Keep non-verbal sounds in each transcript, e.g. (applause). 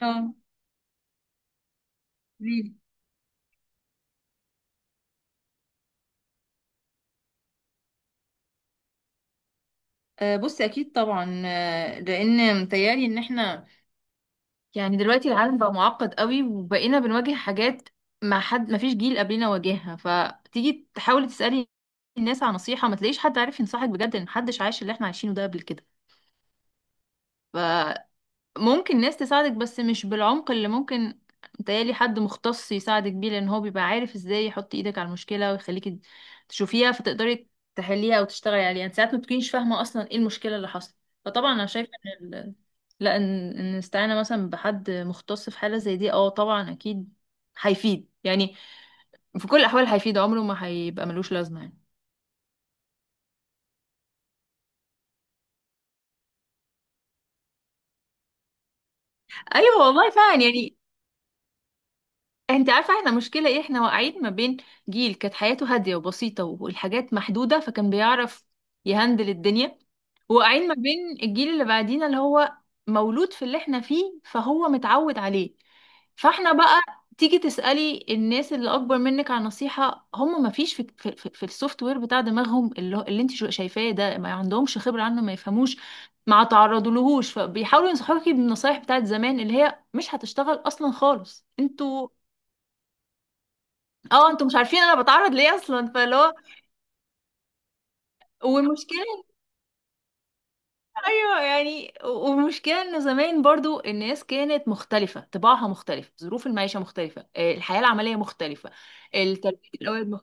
اه، قوليلي. آه، بصي اكيد طبعا، لان متهيألي ان احنا يعني دلوقتي العالم بقى معقد قوي وبقينا بنواجه حاجات ما فيش جيل قبلنا واجهها. فتيجي تحاولي تسألي الناس على نصيحة ما تلاقيش حد عارف ينصحك بجد، ان محدش عايش اللي احنا عايشينه ده قبل كده. ممكن ناس تساعدك بس مش بالعمق اللي ممكن، متهيألي حد مختص يساعدك بيه، لان هو بيبقى عارف ازاي يحط ايدك على المشكلة ويخليك تشوفيها فتقدري تحليها او تشتغلي عليها. يعني ساعات ما بتكونيش فاهمة اصلا ايه المشكلة اللي حصلت. فطبعا انا شايفة ان ال... لا ان ان الاستعانة مثلا بحد مختص في حالة زي دي، طبعا اكيد هيفيد، يعني في كل الاحوال هيفيد، عمره ما هيبقى ملوش لازمة يعني. ايوه والله فعلا يعني. انت عارفه احنا مشكله ايه؟ احنا واقعين ما بين جيل كانت حياته هاديه وبسيطه والحاجات محدوده فكان بيعرف يهندل الدنيا، وقاعدين ما بين الجيل اللي بعدينا اللي هو مولود في اللي احنا فيه فهو متعود عليه. فاحنا بقى تيجي تسألي الناس اللي اكبر منك عن نصيحة، هم ما فيش في السوفت وير بتاع دماغهم، اللي انت شايفاه ده، ما عندهمش خبرة عنه، ما يفهموش ما تعرضوا لهوش، فبيحاولوا ينصحوكي بالنصايح بتاعت زمان اللي هي مش هتشتغل اصلا خالص. انتوا اه، انتوا مش عارفين انا بتعرض ليه اصلا، فاللي هو والمشكله ايوه، يعني والمشكله انه زمان برضو الناس كانت مختلفه، طباعها مختلف، ظروف المعيشه مختلفه، الحياه العمليه مختلفه، التربيه الاولاد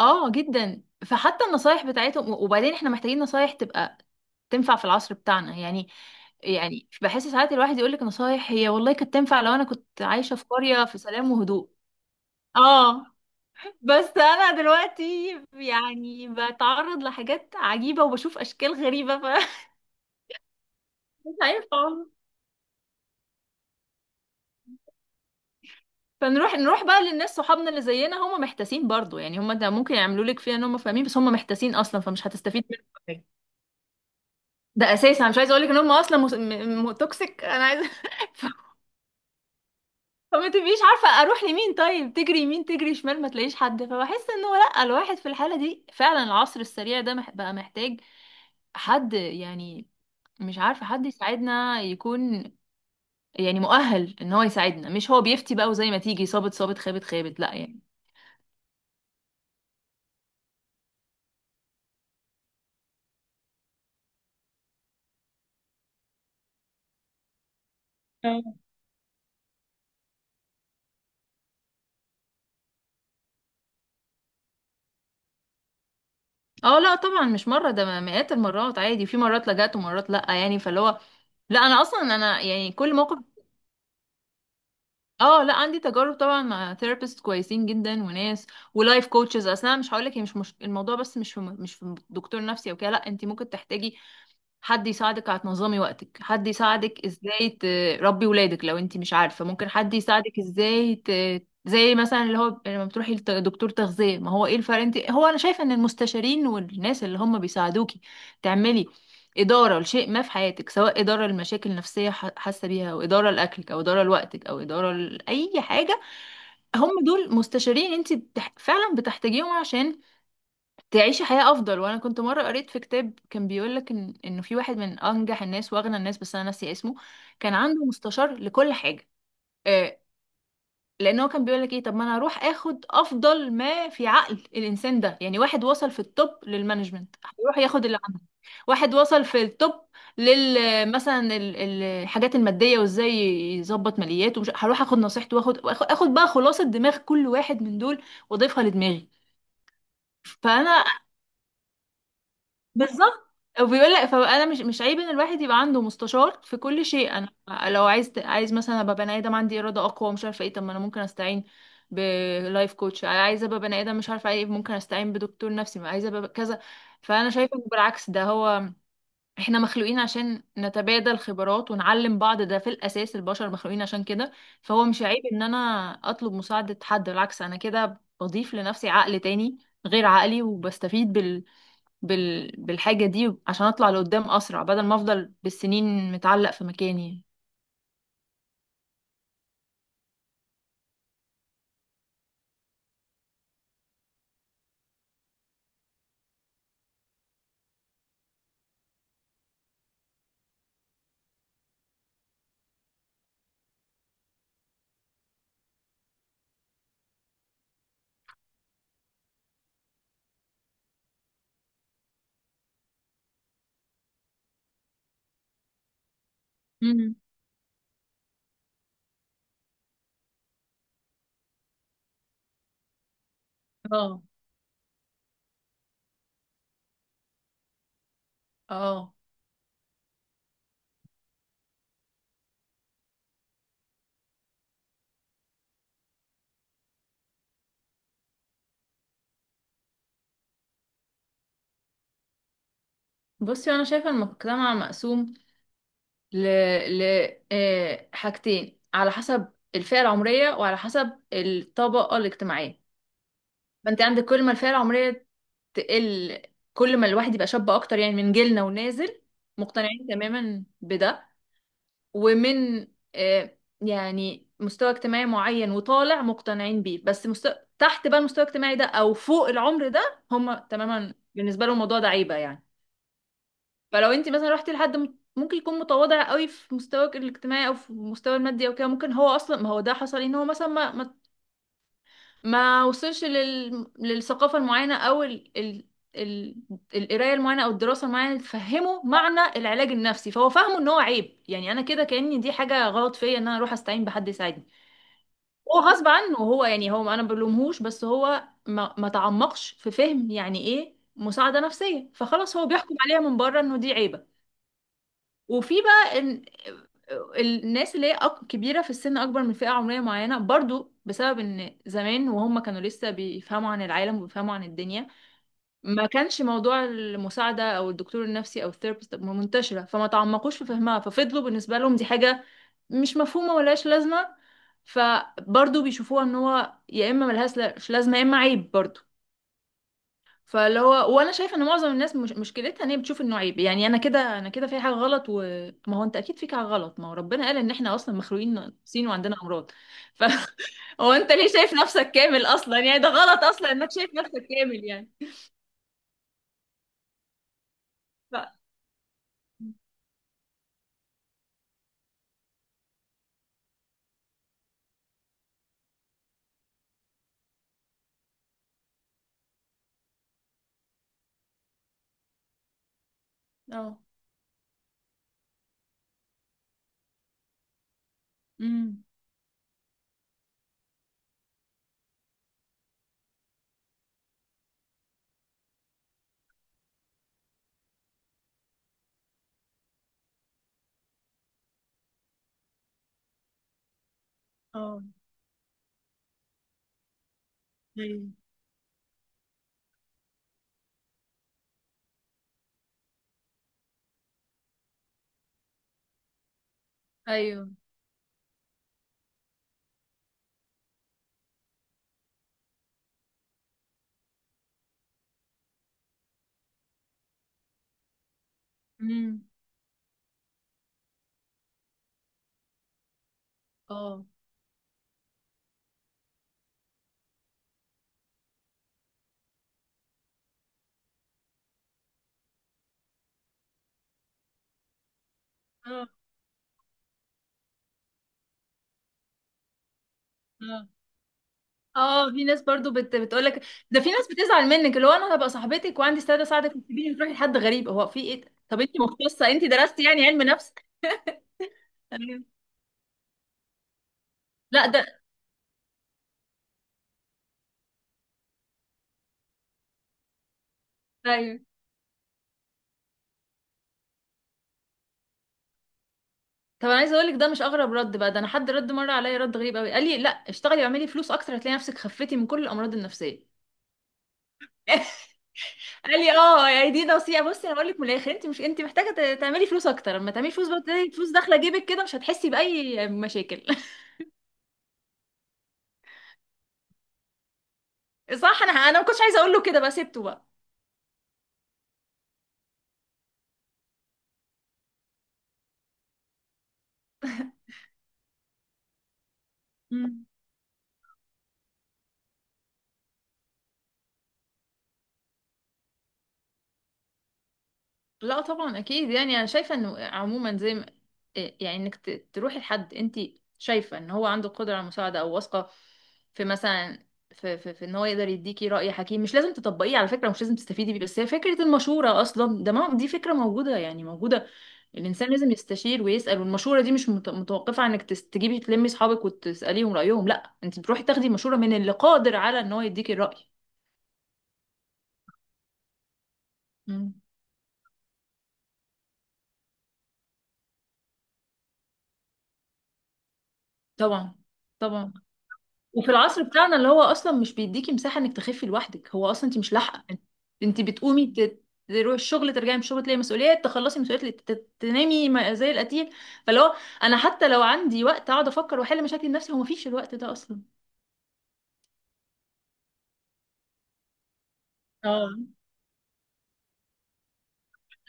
اه جدا، فحتى النصايح بتاعتهم. وبعدين احنا محتاجين نصايح تبقى تنفع في العصر بتاعنا يعني. يعني بحس ساعات الواحد يقول لك نصايح هي والله كانت تنفع لو انا كنت عايشه في قريه في سلام وهدوء. اه، بس انا دلوقتي يعني بتعرض لحاجات عجيبة وبشوف اشكال غريبة فمش (laughs) عارفة والله. فنروح، نروح بقى للناس صحابنا اللي زينا، هم محتاسين برضو يعني. هم ده ممكن يعملوا لك فيها ان هم فاهمين، بس هم محتاسين اصلا، فمش هتستفيد منهم حاجة. ده اساسا أنا مش عايزه اقول لك ان هم اصلا توكسيك. انا عايزه (laughs) فما تبقيش عارفة اروح لمين، طيب تجري يمين تجري شمال ما تلاقيش حد، فبحس انه لا، الواحد في الحالة دي فعلا العصر السريع ده بقى محتاج حد يعني، مش عارفة، حد يساعدنا يكون يعني مؤهل ان هو يساعدنا، مش هو بيفتي بقى وزي ما تيجي صابت صابت خابت خابت. لا يعني. اه. اه، لا طبعا مش مرة، ده مئات المرات عادي، في مرات لجأت ومرات لا يعني، فاللي هو لا، انا اصلا انا يعني كل موقف. اه، لا عندي تجارب طبعا مع ثيرابيست كويسين جدا، وناس ولايف كوتشز. اصل انا مش هقول لك هي مش الموضوع، بس مش في دكتور نفسي او كده، لا، انت ممكن تحتاجي حد يساعدك على تنظمي وقتك، حد يساعدك ازاي تربي ولادك لو انت مش عارفة، ممكن حد يساعدك ازاي زي مثلا اللي هو لما بتروحي لدكتور تغذية. ما هو ايه الفرق، انت هو انا شايفة ان المستشارين والناس اللي هم بيساعدوكي تعملي إدارة لشيء ما في حياتك، سواء إدارة لمشاكل نفسية حاسة بيها، أو إدارة لأكلك، أو إدارة لوقتك، أو إدارة لأي حاجة. هم دول مستشارين انت فعلا بتحتاجيهم عشان تعيشي حياة أفضل. وأنا كنت مرة قريت في كتاب كان بيقولك إنه في واحد من أنجح الناس وأغنى الناس، بس أنا ناسية اسمه، كان عنده مستشار لكل حاجة. آه لأن هو كان بيقولك إيه؟ طب ما أنا هروح آخد أفضل ما في عقل الإنسان ده. يعني واحد وصل في التوب للمانجمنت هيروح ياخد اللي عنده، واحد وصل في التوب مثلا الحاجات المادية وإزاي يظبط مالياته، ومش هروح آخد نصيحته وآخد بقى خلاصة دماغ كل واحد من دول وأضيفها لدماغي. فانا بالظبط. وبيقول لك فانا مش عيب ان الواحد يبقى عنده مستشار في كل شيء. انا لو عايز عايز مثلا ابقى بني ادم عندي اراده اقوى مش عارفه ايه، طب ما انا ممكن استعين بلايف كوتش، عايزه ابقى بني ادم مش عارفه ايه، ممكن استعين بدكتور نفسي، ما عايزه ابقى كذا. فانا شايفه إنه بالعكس، ده هو. احنا مخلوقين عشان نتبادل خبرات ونعلم بعض، ده في الاساس البشر مخلوقين عشان كده. فهو مش عيب ان انا اطلب مساعده حد، بالعكس انا كده بضيف لنفسي عقل تاني غير عقلي، وبستفيد بالحاجة دي عشان اطلع لقدام اسرع، بدل ما افضل بالسنين متعلق في مكاني. مم. اه. اه، بصي انا شايفه المجتمع مقسوم ل ل آه، حاجتين، على حسب الفئه العمريه وعلى حسب الطبقه الاجتماعيه. فانت عندك كل ما الفئه العمريه تقل، كل ما الواحد يبقى شاب اكتر يعني من جيلنا ونازل، مقتنعين تماما بده، ومن آه، يعني مستوى اجتماعي معين وطالع مقتنعين بيه، بس مستوى تحت بقى المستوى الاجتماعي ده او فوق العمر ده، هم تماما بالنسبه لهم الموضوع ده عيبه يعني. فلو انت مثلا رحتي لحد ممكن يكون متواضع قوي في مستواك الاجتماعي او في مستوى المادي او كده، ممكن هو اصلا، ما هو ده حصل إيه، ان هو مثلا ما وصلش للثقافة المعينة، أو ال... القراية المعينة أو الدراسة المعينة اللي تفهمه معنى العلاج النفسي، فهو فاهمه إن هو عيب يعني. أنا كده كأني دي حاجة غلط فيا إن أنا أروح أستعين بحد يساعدني. هو غصب عنه، هو يعني هو، أنا ما بلومهوش، بس هو ما تعمقش في فهم يعني إيه مساعدة نفسية، فخلاص هو بيحكم عليها من بره إنه دي عيبة. وفي بقى إن الناس اللي هي كبيرة في السن، أكبر من فئة عمرية معينة، برضو بسبب إن زمان وهم كانوا لسه بيفهموا عن العالم وبيفهموا عن الدنيا، ما كانش موضوع المساعدة أو الدكتور النفسي أو الثيرابيست منتشرة، فما تعمقوش في فهمها، ففضلوا بالنسبة لهم دي حاجة مش مفهومة ملهاش لازمة. فبرضو بيشوفوها إن هو يا إما ملهاش مش لازمة، يا إما عيب برضو. فاللي هو، وانا شايفه ان معظم الناس مش مشكلتها ان هي بتشوف انه عيب يعني انا كده، انا كده في حاجه غلط. وما هو انت اكيد فيك حاجه غلط، ما هو ربنا قال ان احنا اصلا مخلوقين ناقصين وعندنا امراض. ف (laughs) هو انت ليه شايف نفسك كامل اصلا يعني؟ ده غلط اصلا انك شايف نفسك كامل يعني. ف. اه. امم. اه. ايوه. ايوه. امم. اه. اه. آه. اه، في ناس برضو بتقولك، ده في ناس بتزعل منك اللي هو انا هبقى صاحبتك وعندي استعداد اساعدك وتسيبيني تروحي لحد غريب؟ هو في ايه ده؟ طب انت مختصه، انت درستي يعني علم نفس؟ أيوة. لا ده ايوه. طب انا عايزه اقول لك، ده مش اغرب رد بقى، ده انا حد رد مره عليا رد غريب قوي، قال لي لا، اشتغلي واعملي فلوس اكتر هتلاقي نفسك خفتي من كل الامراض النفسيه. (laughs) قال لي اه يعني دي نصيحه. بصي انا بقول لك من الاخر، انت مش انت محتاجه تعملي فلوس اكتر، لما تعملي فلوس بقى تلاقي فلوس داخله جيبك كده مش هتحسي باي مشاكل. (laughs) صح، انا ما كنتش عايزه اقول له كده، بقى سبته بقى. مم. لا طبعا اكيد يعني، انا شايفه انه عموما زي ما يعني انك تروحي لحد انت شايفه ان هو عنده قدره على المساعده، او واثقه في مثلا في ان هو يقدر يديكي راي حكيم، مش لازم تطبقيه على فكره، مش لازم تستفيدي بيه، بس هي فكره المشوره اصلا، ده ما دي فكره موجوده يعني موجوده. الانسان لازم يستشير ويسال، والمشوره دي مش متوقفه عن انك تجيبي تلمي اصحابك وتساليهم رايهم، لا، انت بتروحي تاخدي مشوره من اللي قادر على ان هو يديكي الراي. مم. طبعا. طبعا. وفي العصر بتاعنا اللي هو اصلا مش بيديكي مساحه انك تخفي لوحدك، هو اصلا انت مش لاحقه، انت بتقومي تروحي الشغل، ترجعي من الشغل تلاقي مسؤوليات، تخلصي مسؤوليات، تنامي زي القتيل، فاللي هو انا حتى لو عندي وقت اقعد افكر واحل مشاكل نفسي، هو مفيش الوقت ده اصلا. اه،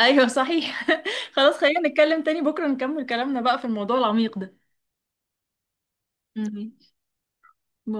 ايوه صحيح. (laughs) خلاص، خلينا نتكلم تاني بكره، نكمل كلامنا بقى في الموضوع العميق ده. مم.